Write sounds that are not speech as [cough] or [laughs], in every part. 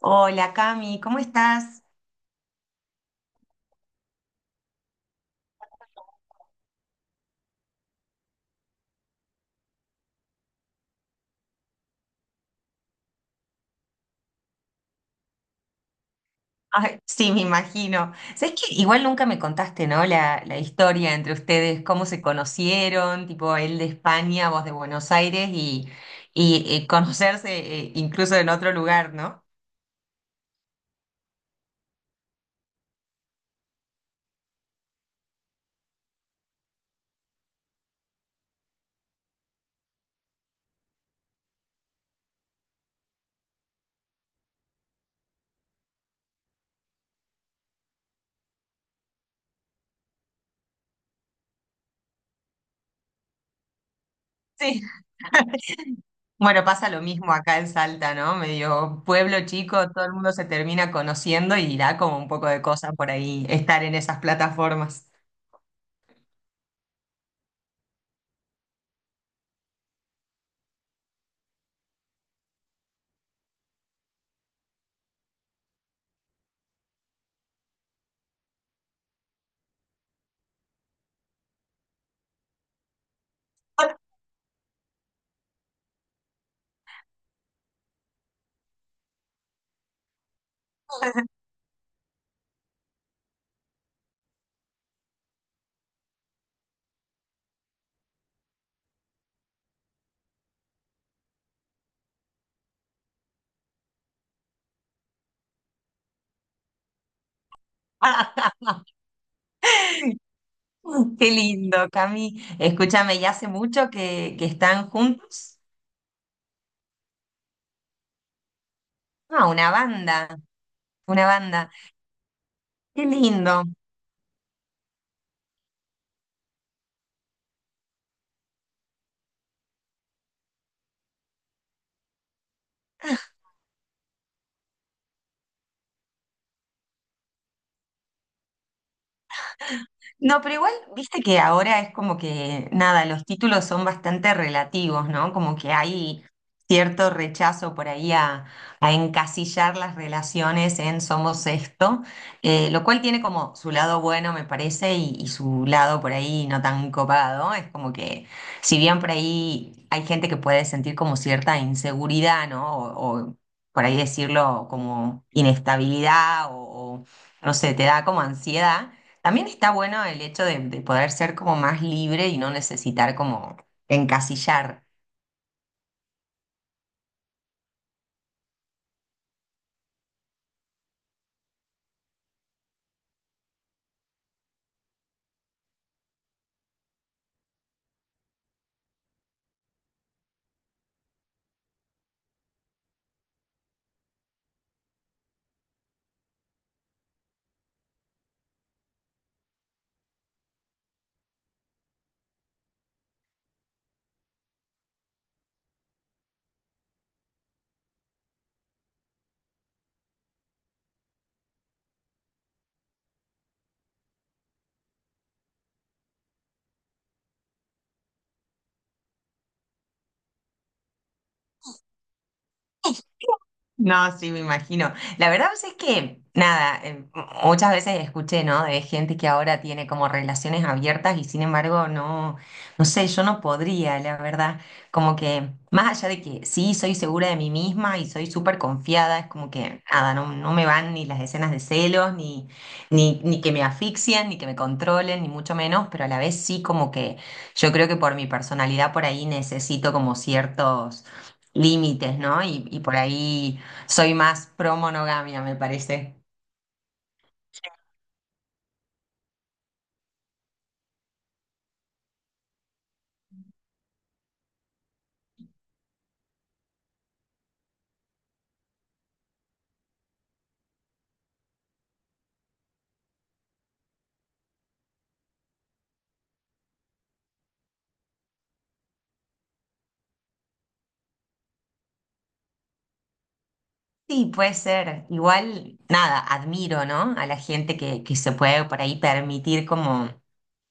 Hola Cami, ¿cómo estás? Ay, sí, me imagino. ¿Sabés que igual nunca me contaste, ¿no? La historia entre ustedes, cómo se conocieron, tipo él de España, vos de Buenos Aires y, conocerse incluso en otro lugar, ¿no? Sí. Bueno, pasa lo mismo acá en Salta, ¿no? Medio pueblo chico, todo el mundo se termina conociendo y da como un poco de cosa por ahí estar en esas plataformas. [laughs] [laughs] Qué lindo, Cami. Escúchame, ¿ya hace mucho que están juntos? Ah, una banda, una banda. Qué lindo. No, pero igual, viste que ahora es como que, nada, los títulos son bastante relativos, ¿no? Como que hay cierto rechazo por ahí a encasillar las relaciones en somos esto, lo cual tiene como su lado bueno, me parece, y su lado por ahí no tan copado. Es como que, si bien por ahí hay gente que puede sentir como cierta inseguridad, ¿no? O por ahí decirlo como inestabilidad o, no sé, te da como ansiedad. También está bueno el hecho de poder ser como más libre y no necesitar como encasillar. No, sí, me imagino. La verdad pues, es que, nada, muchas veces escuché, ¿no? De gente que ahora tiene como relaciones abiertas y sin embargo no, no sé, yo no podría, la verdad. Como que, más allá de que sí, soy segura de mí misma y soy súper confiada, es como que, nada, no, no me van ni las escenas de celos, ni, ni, ni que me asfixian, ni que me controlen, ni mucho menos, pero a la vez sí como que yo creo que por mi personalidad por ahí necesito como ciertos límites, ¿no? Y por ahí... Soy más pro monogamia, me parece. Sí, puede ser. Igual, nada, admiro, ¿no? A la gente que se puede por ahí permitir como,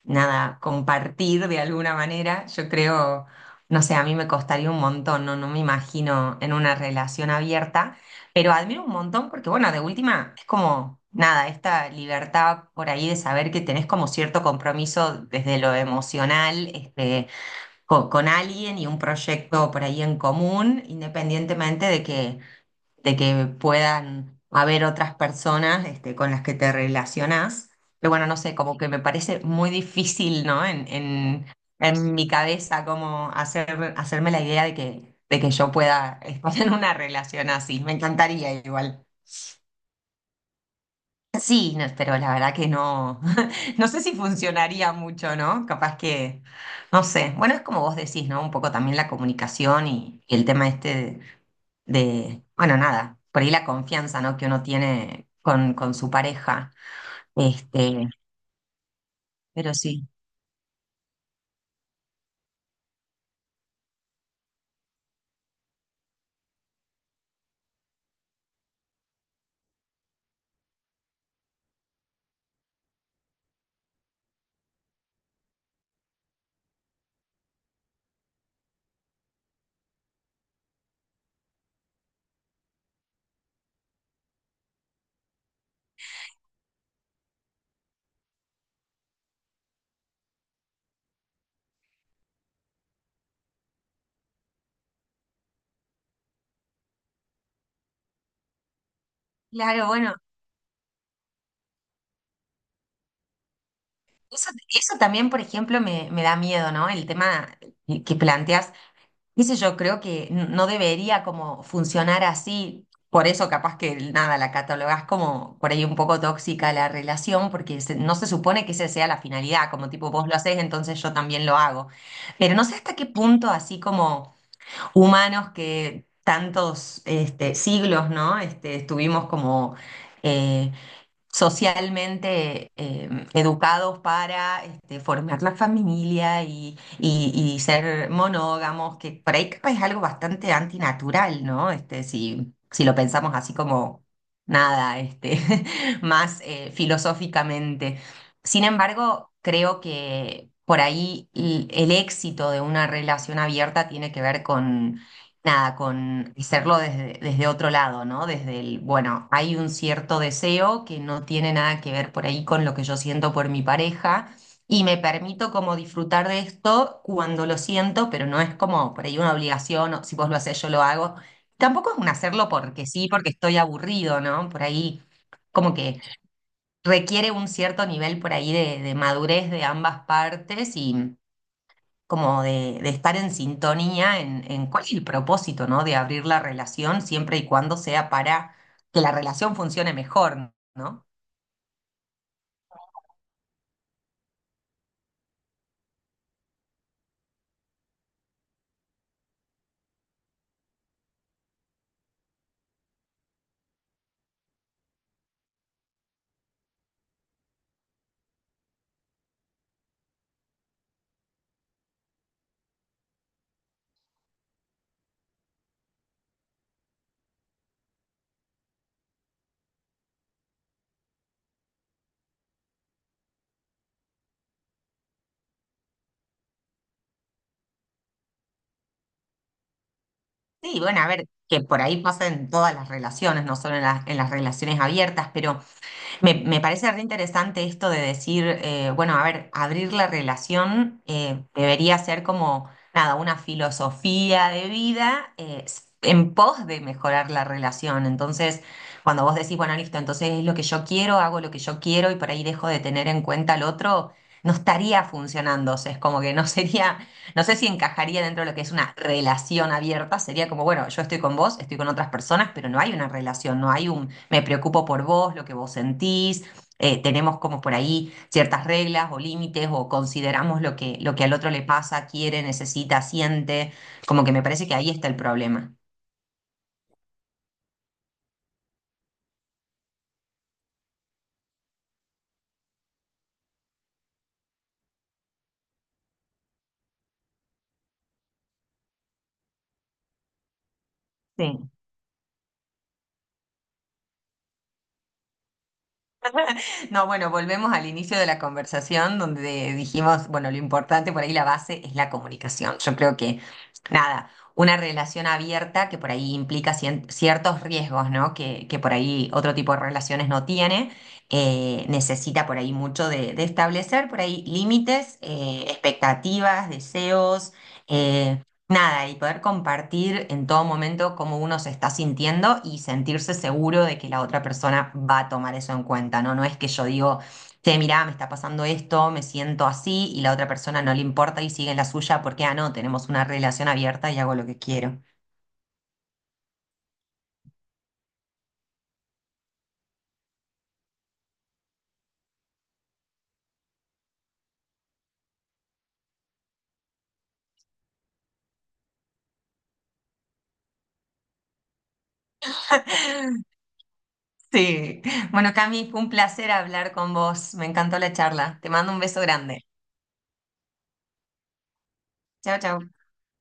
nada, compartir de alguna manera. Yo creo, no sé, a mí me costaría un montón, ¿no? No me imagino en una relación abierta, pero admiro un montón porque, bueno, de última, es como, nada, esta libertad por ahí de saber que tenés como cierto compromiso desde lo emocional, este con, alguien y un proyecto por ahí en común, independientemente de que puedan haber otras personas este, con las que te relacionás. Pero bueno, no sé, como que me parece muy difícil, ¿no? En mi cabeza, como hacer, hacerme la idea de que yo pueda estar [laughs] en una relación así. Me encantaría igual. Sí, no, pero la verdad que no, [laughs] no sé si funcionaría mucho, ¿no? Capaz que, no sé. Bueno, es como vos decís, ¿no? Un poco también la comunicación y el tema este de, bueno, nada, por ahí la confianza, ¿no? Que uno tiene con su pareja. Este, pero sí. Claro, bueno, eso también, por ejemplo, me da miedo, ¿no? El tema que planteas, qué sé yo, creo que no debería como funcionar así. Por eso capaz que nada, la catalogás como por ahí un poco tóxica la relación, porque no se supone que esa sea la finalidad, como tipo vos lo haces, entonces yo también lo hago. Pero no sé hasta qué punto, así como humanos que tantos este, siglos, ¿no? Este, estuvimos como eh, socialmente educados para este, formar la familia y, y ser monógamos, que por ahí capaz es algo bastante antinatural, ¿no? Este, si, si lo pensamos así como nada, este, [laughs] más filosóficamente. Sin embargo, creo que por ahí el éxito de una relación abierta tiene que ver con nada, con hacerlo desde, desde otro lado, ¿no? Desde el, bueno, hay un cierto deseo que no tiene nada que ver por ahí con lo que yo siento por mi pareja y me permito como disfrutar de esto cuando lo siento, pero no es como por ahí una obligación, o si vos lo hacés, yo lo hago. Tampoco es un hacerlo porque sí, porque estoy aburrido, ¿no? Por ahí como que requiere un cierto nivel por ahí de madurez de ambas partes como de estar en sintonía en cuál es el propósito, ¿no? De abrir la relación siempre y cuando sea para que la relación funcione mejor, ¿no? Sí, bueno, a ver, que por ahí pasa en todas las relaciones, no solo en las relaciones abiertas, pero me parece re interesante esto de decir, bueno, a ver, abrir la relación debería ser como, nada, una filosofía de vida en pos de mejorar la relación. Entonces, cuando vos decís, bueno, listo, entonces es lo que yo quiero, hago lo que yo quiero y por ahí dejo de tener en cuenta al otro, no estaría funcionando. O sea, es como que no sería, no sé si encajaría dentro de lo que es una relación abierta. Sería como, bueno, yo estoy con vos, estoy con otras personas, pero no hay una relación, no hay un, me preocupo por vos, lo que vos sentís. Tenemos como por ahí ciertas reglas o límites o consideramos lo que al otro le pasa, quiere, necesita, siente. Como que me parece que ahí está el problema. Sí. No, bueno, volvemos al inicio de la conversación donde dijimos, bueno, lo importante por ahí, la base es la comunicación. Yo creo que, nada, una relación abierta que por ahí implica ciertos riesgos, ¿no? Que por ahí otro tipo de relaciones no tiene, necesita por ahí mucho de establecer por ahí límites, expectativas, deseos. eh, Nada, y poder compartir en todo momento cómo uno se está sintiendo y sentirse seguro de que la otra persona va a tomar eso en cuenta, ¿no? No es que yo digo, che, mirá, me está pasando esto, me siento así, y la otra persona no le importa y sigue en la suya porque, ah, no, tenemos una relación abierta y hago lo que quiero. [laughs] Sí. Bueno, Cami, fue un placer hablar con vos. Me encantó la charla. Te mando un beso grande. Chao, chao.